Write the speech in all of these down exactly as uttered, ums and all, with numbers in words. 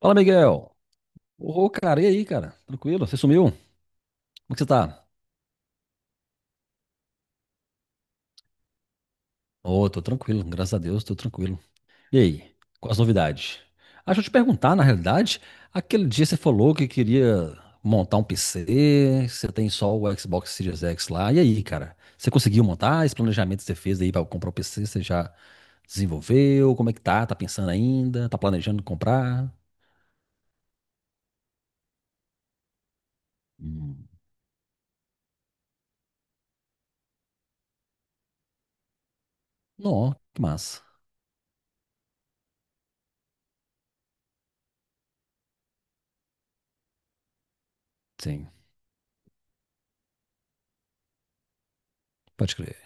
Fala, Miguel. Ô, cara, e aí, cara? Tranquilo? Você sumiu? Como é que você tá? Ô, tô tranquilo, graças a Deus, tô tranquilo. E aí, quais as novidades? Ah, deixa eu te perguntar, na realidade, aquele dia você falou que queria montar um P C, que você tem só o Xbox Series X lá. E aí, cara? Você conseguiu montar? Esse planejamento que você fez aí pra comprar o P C, você já desenvolveu? Como é que tá? Tá pensando ainda? Tá planejando comprar? Hum. Não, que massa. Sim, pode crer.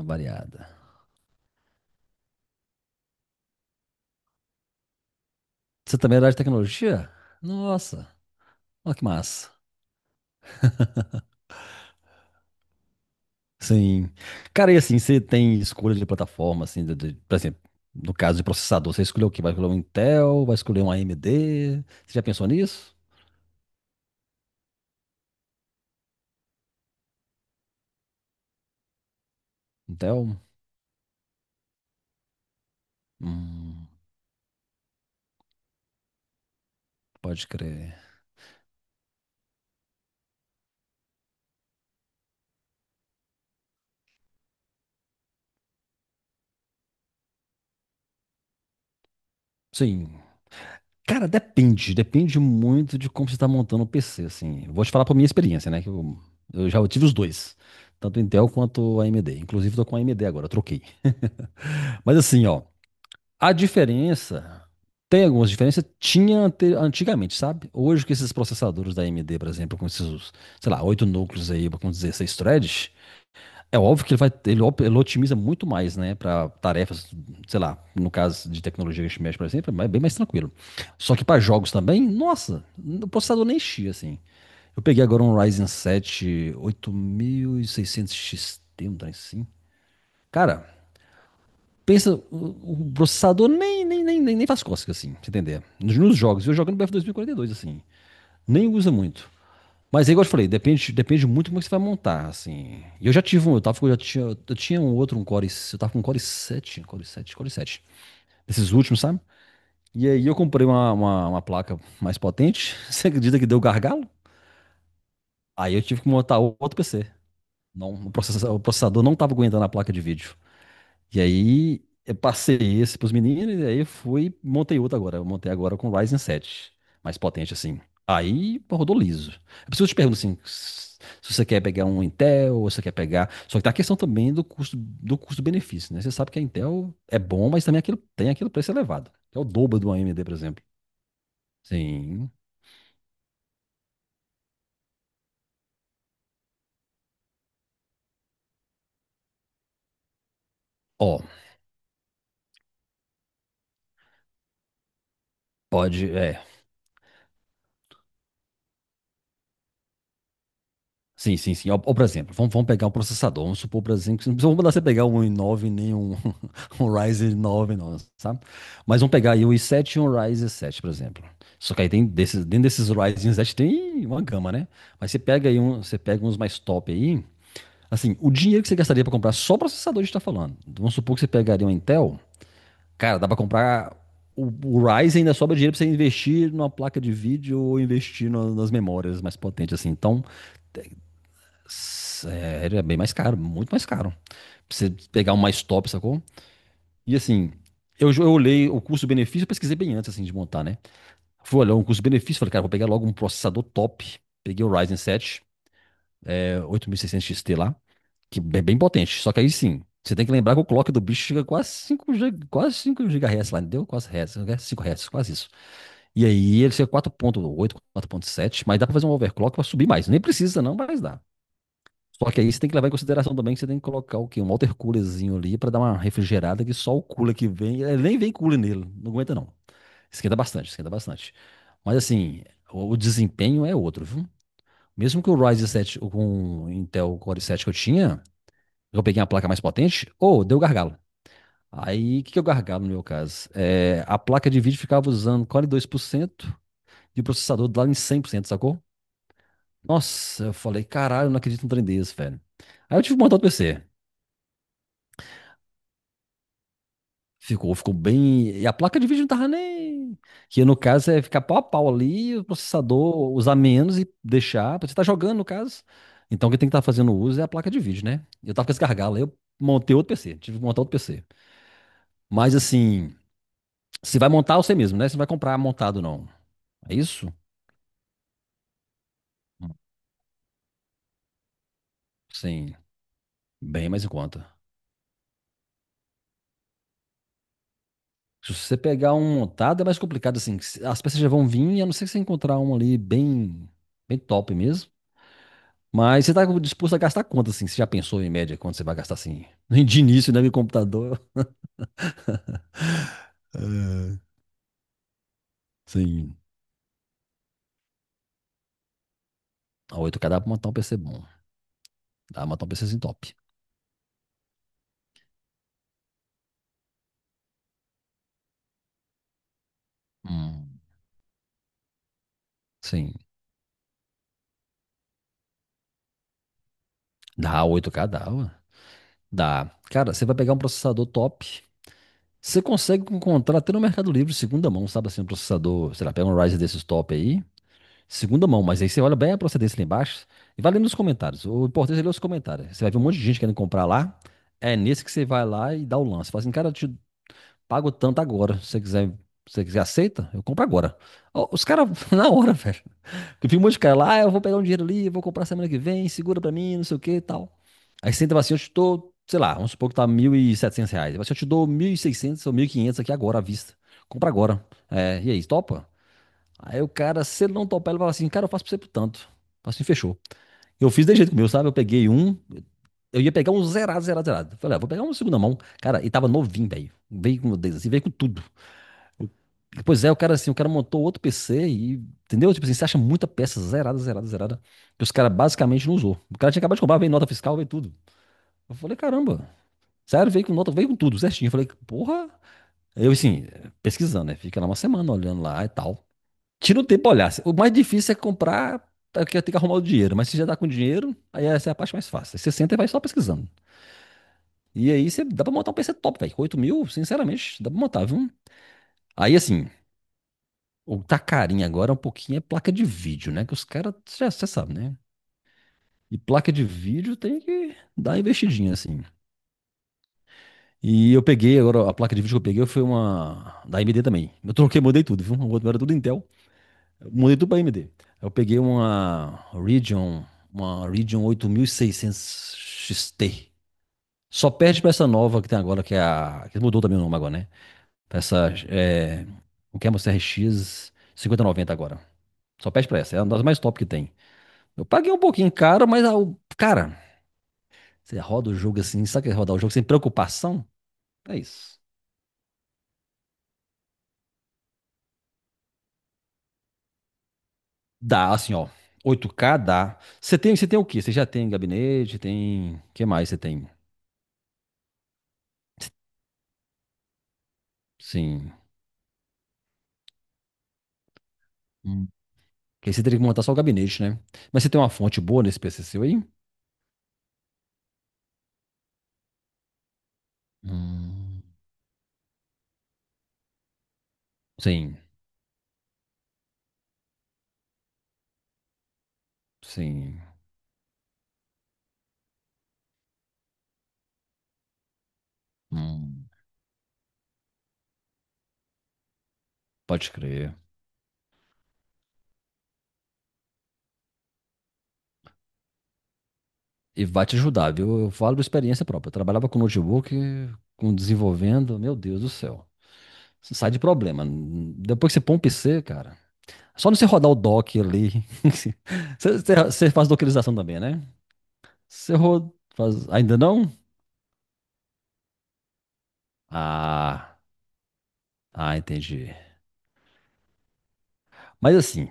Avariada. Você também é da área de tecnologia? Nossa, olha que massa. Sim. Cara, e assim, você tem escolha de plataforma, assim, de- de- por exemplo, no caso de processador, você escolheu o quê? Vai escolher um Intel? Vai escolher um A M D? Você já pensou nisso? Intel? Hum, pode crer. Sim. Cara, depende. Depende muito de como você está montando o P C, assim. Vou te falar por minha experiência, né? Que eu, eu já tive os dois. Tanto Intel quanto A M D. Inclusive, tô com A M D agora, eu troquei. Mas assim, ó. A diferença, tem algumas diferenças, tinha ante- antigamente, sabe? Hoje que esses processadores da A M D, por exemplo, com esses, sei lá, oito núcleos aí, com dezesseis threads, é óbvio que ele vai, ele, op- ele otimiza muito mais, né, para tarefas, sei lá, no caso de tecnologia que a gente mexe, por exemplo, é mais- bem mais tranquilo. Só que para jogos também, nossa, o processador nem enchia, assim. Eu peguei agora um Ryzen sete oito mil e seiscentos X T, um trem assim. Cara, pensa, o processador nem, nem, nem, nem, nem faz cócega, assim, pra você entender. Nos, nos jogos, eu jogo no B F dois mil e quarenta e dois, assim, nem usa muito. Mas aí, igual eu te falei, depende, depende muito como é que você vai montar, assim. E eu já tive um, eu tava, com- eu já tinha, eu tinha um outro, um Core, eu tava com um Core sete, Core sete, Core sete, desses últimos, sabe? E aí eu comprei uma, uma, uma placa mais potente, você acredita que deu gargalo? Aí eu tive que montar outro P C. Não, o processa- o processador não tava aguentando a placa de vídeo. E aí eu passei esse pros meninos, e aí fui, montei outro agora. Eu montei agora com o Ryzen sete mais potente assim. Aí pô, rodou liso. Eu preciso te perguntar assim, s- se você quer pegar um Intel, ou se você quer pegar. Só que tá a questão também do custo, do custo-benefício, né? Você sabe que a Intel é bom, mas também aquilo, tem aquele preço elevado, que é o dobro do A M D, por exemplo. Sim. Ó, pode, é. Sim, sim, sim. Ou, ou, por exemplo, vamos, vamos pegar um processador. Vamos supor, por exemplo, que não precisa- vamos mandar você pegar um i nove nem um, um Ryzen nove, não, sabe? Mas vamos pegar aí um i sete e um Ryzen sete, por exemplo. Só que aí tem desses, dentro desses Ryzen sete tem uma gama, né? Mas você pega aí um, você pega uns mais top aí. Assim, o dinheiro que você gastaria para comprar só o processador, a gente tá falando. Vamos supor que você pegaria um Intel. Cara, dá para comprar. O, o Ryzen ainda sobra dinheiro para você investir numa placa de vídeo ou investir na- nas memórias mais potentes, assim. Então. Sério, é bem mais caro, muito mais caro. Pra você pegar um mais top, sacou? E assim, eu, jo- eu olhei o custo-benefício, eu pesquisei bem antes assim, de montar, né? Fui olhar um custo-benefício, falei, cara, vou pegar logo um processador top. Peguei o Ryzen sete, é, oito mil e seiscentos X T lá, que é bem potente. Só que aí sim, você tem que lembrar que o clock do bicho chega quase cinco G- quase cinco giga-hertz lá, entendeu? Quase Hz, cinco Hz, quase isso. E aí ele chega quatro ponto oito, quatro ponto sete, mas dá pra fazer um overclock pra subir mais. Nem precisa não, mas dá. Só que aí você tem que levar em consideração também que você tem que colocar o quê? Um water coolerzinho ali para dar uma refrigerada que só o cooler que vem, ele nem vem cooler nele, não aguenta não. Esquenta bastante, esquenta bastante. Mas assim, o, o desempenho é outro, viu? Mesmo que o Ryzen sete o- com o Intel Core sete que eu tinha, eu peguei uma placa mais potente, ou deu gargalo. Aí, o que que é o gargalo no meu caso? É, a placa de vídeo ficava usando quarenta e dois por cento e dois por cento e o processador lá em cem por cento, sacou? Nossa, eu falei, caralho, eu não acredito num trem desse, velho. Aí eu tive que montar outro P C. Ficou, ficou bem. E a placa de vídeo não tava nem. Que no caso é ficar pau a pau ali, o processador usar menos e deixar. Pra Você tá jogando, no caso. Então, o que tem que estar fazendo uso é a placa de vídeo, né? Eu tava com esse gargalo, aí eu montei outro P C, tive que montar outro P C. Mas assim, se vai montar você mesmo, né? Você não vai comprar montado, não. É isso? Sim, bem mais em conta. Se você pegar um montado, é mais complicado, assim. As peças já vão vir, a não ser que você encontrar um ali bem, bem top mesmo. Mas você tá disposto a gastar quanto, assim? Você já pensou em média quanto você vai gastar, assim? De início, né? Meu computador. É, sim. A oito k dá pra montar um P C bom. Dá pra montar um PCzinho top. Hum, sim. Dá oito k dá, ué. Dá. Cara, você vai pegar um processador top. Você consegue encontrar até no Mercado Livre, segunda mão, sabe assim, um processador, sei lá, pega um Ryzen desses top aí, segunda mão, mas aí você olha bem a procedência lá embaixo e vai lendo nos comentários. O importante é ler os comentários. Você vai ver um monte de gente querendo comprar lá, é nesse que você vai lá e dá o lance. Fala assim, cara, eu te Pago tanto agora. Se você quiser, se você quiser, aceita? Eu compro agora. Ó, Os caras, na hora, velho. Eu vi um monte de cara lá, ah, eu vou pegar um dinheiro ali, vou comprar semana que vem, segura pra mim, não sei o que e tal. Aí você entra e fala assim, eu te dou, sei lá, vamos supor que tá mil e setecentos reais. Ele fala assim, eu te dou mil e seiscentos ou mil e quinhentos aqui agora, à vista. Compra agora. É, e aí, topa? Aí o cara, se ele não topar, ele fala assim, cara, eu faço pra você por tanto. Eu falo assim, fechou. Eu fiz desse jeito com o meu, sabe? Eu peguei um, eu ia pegar um zerado, zerado, zerado. Falei, ah, vou pegar um segunda mão. Cara, e tava novinho, velho. Veio com, assim, veio com tudo. Pois é, o cara assim, o cara montou outro P C e, entendeu? Tipo assim, você acha muita peça zerada, zerada, zerada, que os caras basicamente não usou. O cara tinha acabado de comprar, veio nota fiscal, veio tudo. Eu falei, caramba, sério, veio com nota, veio com tudo, certinho. Eu falei, porra. Eu assim, pesquisando, né? Fica lá uma semana olhando lá e tal. Tira um tempo pra olhar. O mais difícil é comprar, tá, que tem que arrumar o dinheiro, mas se já tá com dinheiro, aí essa é a parte mais fácil. Aí você senta e vai só pesquisando. E aí você dá pra montar um P C top, velho. Com oito mil, sinceramente, dá pra montar, viu? Aí assim, O que tá carinho agora é um pouquinho é placa de vídeo, né? Que os caras, você sabe, né? E placa de vídeo tem que dar uma investidinha, assim. E eu peguei, agora a placa de vídeo que eu peguei foi uma da A M D também. Eu troquei, mudei tudo, viu? O outro era tudo Intel. Eu mudei tudo pra A M D. Eu peguei uma Radeon, uma Radeon oito mil e seiscentos X T. Só perde pra essa nova que tem agora, que é a... que mudou também o nome agora, né? Pra essa, é... o que é uma C R X cinquenta noventa agora. Só perde pra essa, é uma das mais top que tem. Eu paguei um pouquinho caro, mas, ah, o- cara, você roda o jogo assim, sabe o que é rodar o jogo sem preocupação? É isso. Dá, assim, ó. oito k dá. Você tem, você tem o quê? Você já tem gabinete, tem. O que mais você tem? Sim. Hum. Porque aí você teria que montar só o gabinete, né? Mas você tem uma fonte boa nesse P C seu aí? Hum. Sim, sim. Hum. Pode crer. E vai te ajudar, viu? Eu falo de experiência própria. Eu trabalhava com notebook, com desenvolvendo, meu Deus do céu. Você sai de problema. Depois que você põe um P C, cara. é Só não você rodar o dock ali. Você, você- você faz dockerização também, né? Você roda, faz. Ainda não? Ah, ah, entendi. Mas assim,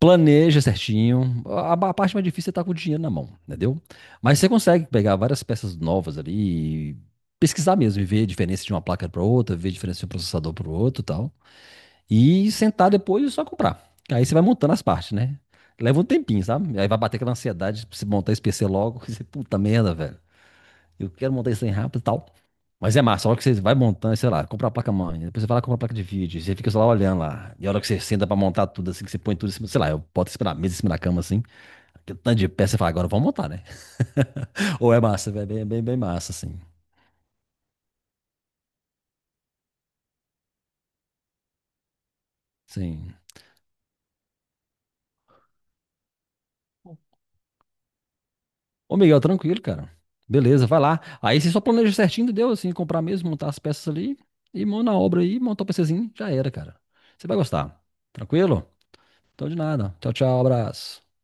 planeja certinho. A, a parte mais difícil é estar com o dinheiro na mão, entendeu? Mas você consegue pegar várias peças novas ali e pesquisar mesmo e ver a diferença de uma placa para outra, ver a diferença de um processador para o outro E sentar depois e só comprar. Aí você vai montando as partes, né? Leva um tempinho, sabe? Aí vai bater aquela ansiedade pra você montar esse P C logo. E você, puta merda, velho. Eu quero montar isso aí rápido e tal. Mas é massa, a hora que você vai montando, sei lá, compra a placa-mãe, depois você vai lá comprar a placa de vídeo, você fica só lá olhando lá. E a hora que você senta pra montar tudo, assim, que você põe tudo em cima, sei lá, eu boto em cima da mesa, em cima da cama, assim, aquele tanto de peça, você fala, agora vamos montar, né? Ou é massa, velho, é bem, bem, bem massa, assim. Sim. Ô, Miguel, tranquilo, cara. Beleza, vai lá. Aí você só planeja certinho, deu assim, comprar mesmo, montar as peças ali e mão na obra aí, montar o PCzinho, já era, cara. Você vai gostar. Tranquilo? Então de nada. Tchau, tchau, abraço.